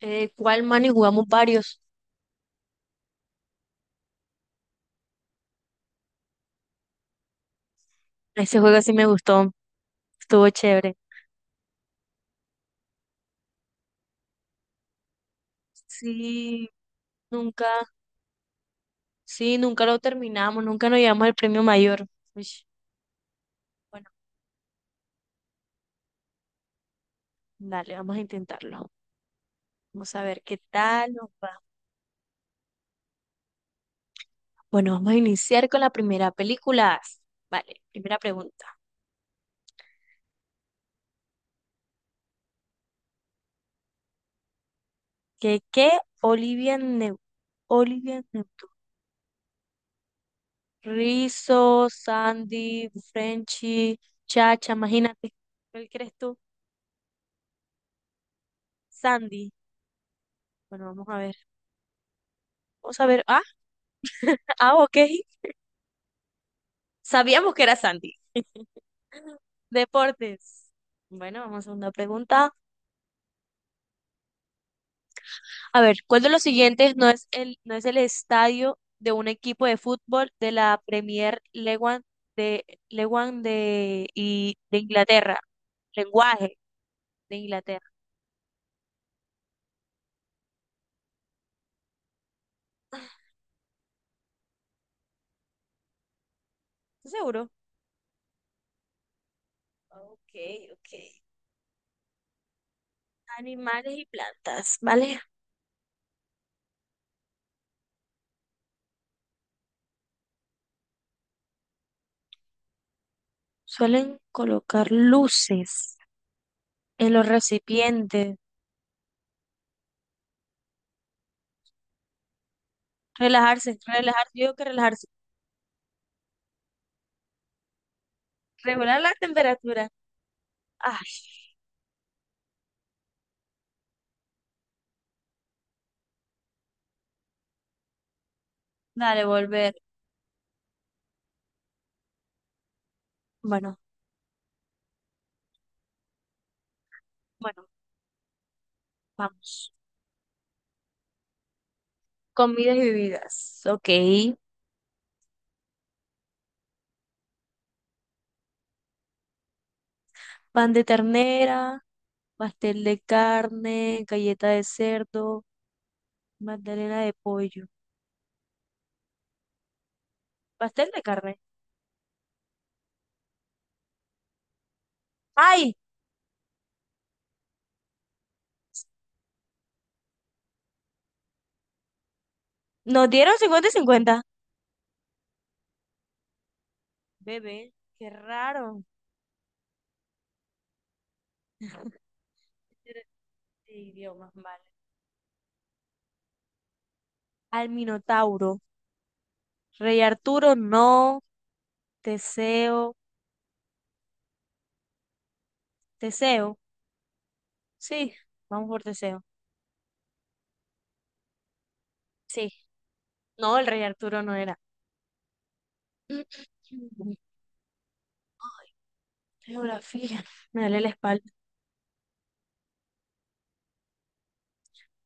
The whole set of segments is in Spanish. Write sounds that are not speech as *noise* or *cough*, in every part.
¿Cuál man? Y jugamos varios. Ese juego sí me gustó, estuvo chévere. Sí, nunca, sí, nunca lo terminamos, nunca nos llevamos el premio mayor. Uish, bueno, dale, vamos a intentarlo. Vamos a ver qué tal nos va. Bueno, vamos a iniciar con la primera película. Vale, primera pregunta. ¿Qué, qué? Olivia Neu- Olivia Newton. Rizzo, Sandy, Frenchy, Chacha, imagínate. ¿Cuál crees tú? Sandy. Bueno, vamos a ver. Vamos a ver. Ah, ah, ok. Sabíamos que era Sandy. Deportes. Bueno, vamos a una pregunta. A ver, ¿cuál de los siguientes no es el estadio de un equipo de fútbol de la Premier League de, League de Inglaterra? Lenguaje de Inglaterra. ¿Estás seguro? Ok, ok. Animales y plantas, ¿vale? Suelen colocar luces en los recipientes. Relajarse, relajarse. Yo digo que relajarse. Regular la temperatura. Ay, dale, volver. Bueno, bueno, vamos. Comidas y bebidas. Ok. Pan de ternera, pastel de carne, galleta de cerdo, magdalena de pollo. Pastel de carne. ¡Ay! Nos dieron 50 y 50. Bebé, qué raro. De idiomas, vale. Al Minotauro. Rey Arturo, no. Teseo. Teseo. Sí, vamos por Teseo. Sí. No, el Rey Arturo no era. Ay, geografía. Me duele la espalda.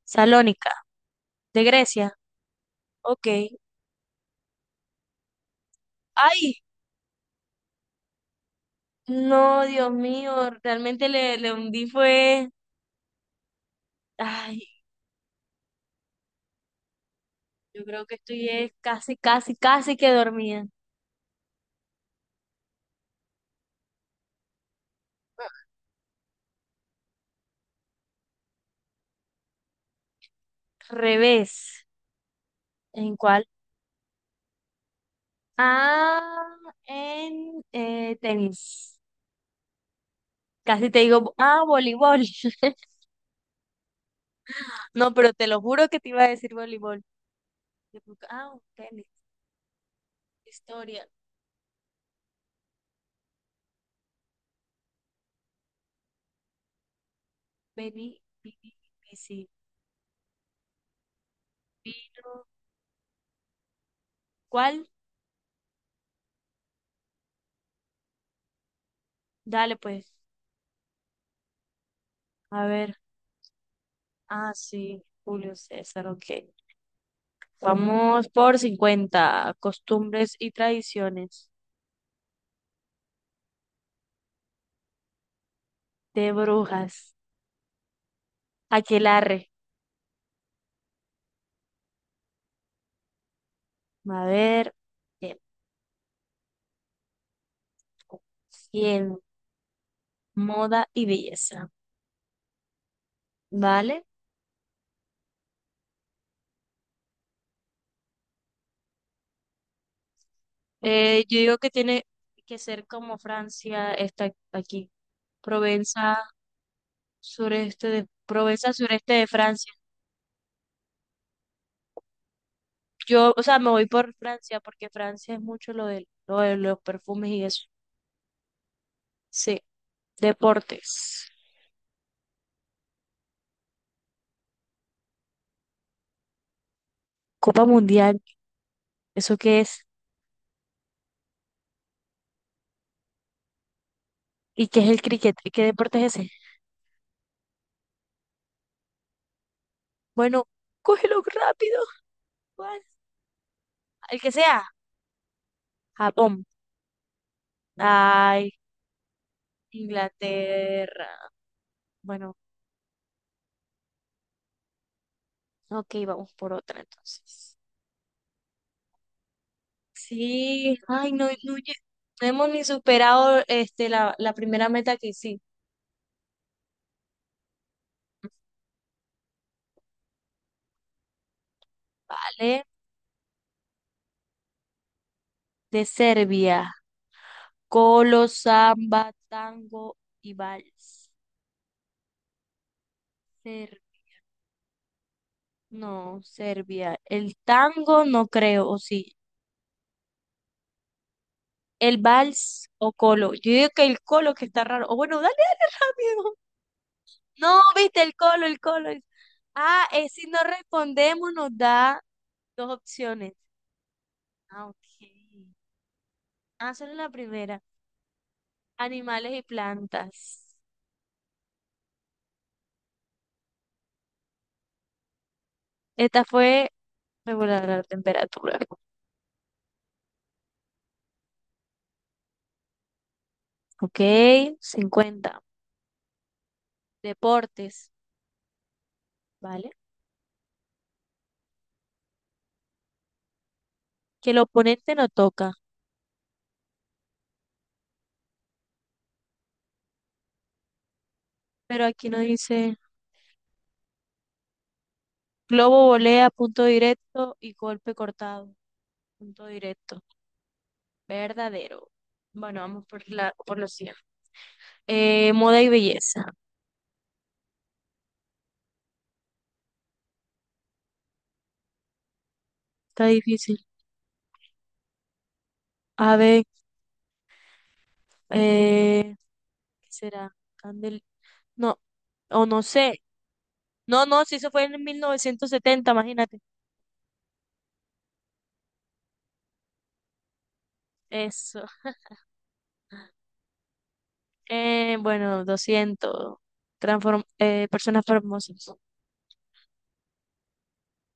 Salónica, de Grecia. Ok. Ay, no, Dios mío, realmente le hundí fue. Ay, yo creo que estoy es casi, casi, casi que dormía. Revés. ¿En cuál? Ah, en tenis. Casi te digo, ah, voleibol. *laughs* No, pero te lo juro que te iba a decir voleibol. Yo como que, ah, tenis. Historia. Vení, vini, vici. ¿Cuál? Dale, pues. A ver. Ah, sí, Julio César, ok. Vamos por 50. Costumbres y tradiciones de brujas. Aquelarre. A ver. Tiempo, cielo. Moda y belleza. ¿Vale? Yo digo que tiene que ser como Francia está aquí. Provenza, Provenza, sureste de Francia. Yo, o sea, me voy por Francia porque Francia es mucho lo de los perfumes y eso. Sí, deportes. Copa Mundial, ¿eso qué es? ¿Y qué es el cricket? ¿Qué deporte es ese? Bueno, cógelo rápido. Juan. El que sea. Japón. Ay, Inglaterra. Bueno, ok, vamos por otra entonces. Sí, ay, no, no, no hemos ni superado este, la primera meta que sí. ¿Vale? De Serbia. Colo, samba, tango y vals. No, Serbia. El tango no creo, o sí. El vals o colo. Yo digo que el colo que está raro. O bueno, dale, dale rápido. *laughs* No, viste, el colo, el colo. Ah, es si no respondemos nos da dos opciones. Ah, ok. Ah, solo la primera. Animales y plantas. Esta fue regular la temperatura. Ok, 50. Deportes, ¿vale? Que el oponente no toca, pero aquí no dice. Globo, volea, punto directo y golpe cortado, punto directo. Verdadero. Bueno, vamos por por los 100. Moda y belleza. Está difícil. A ver, eh, ¿qué será? Candel. No, o no sé. No, no, si eso fue en 1970, imagínate. Eso. Bueno, 200. Transform Personas famosas.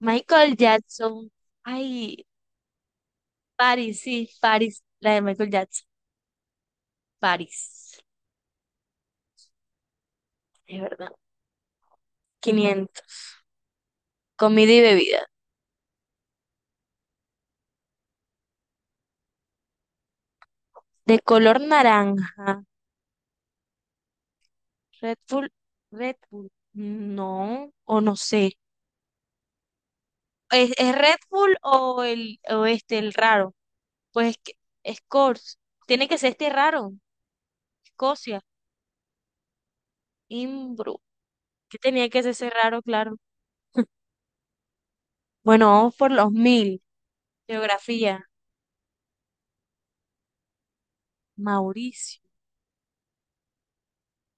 Michael Jackson. Ay, Paris, sí, Paris. La de Michael Jackson. Paris. Es verdad. 500. Comida y bebida. De color naranja. Red Bull. Red Bull. No, o no sé. Es Red Bull o el o este, el raro? Pues es que Scores. Tiene que ser este raro. Escocia. Imbro. Que tenía que ser ese raro, claro. Bueno, vamos por los 1000. Geografía. Mauricio.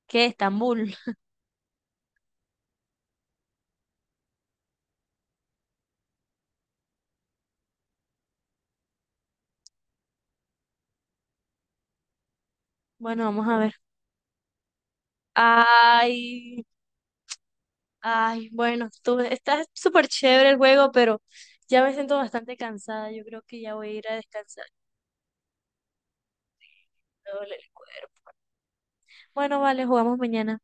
¿Qué? Estambul. Bueno, vamos a ver. Ay, ay, bueno, tú, está súper chévere el juego, pero ya me siento bastante cansada. Yo creo que ya voy a ir a descansar. Me duele el cuerpo. Bueno, vale, jugamos mañana.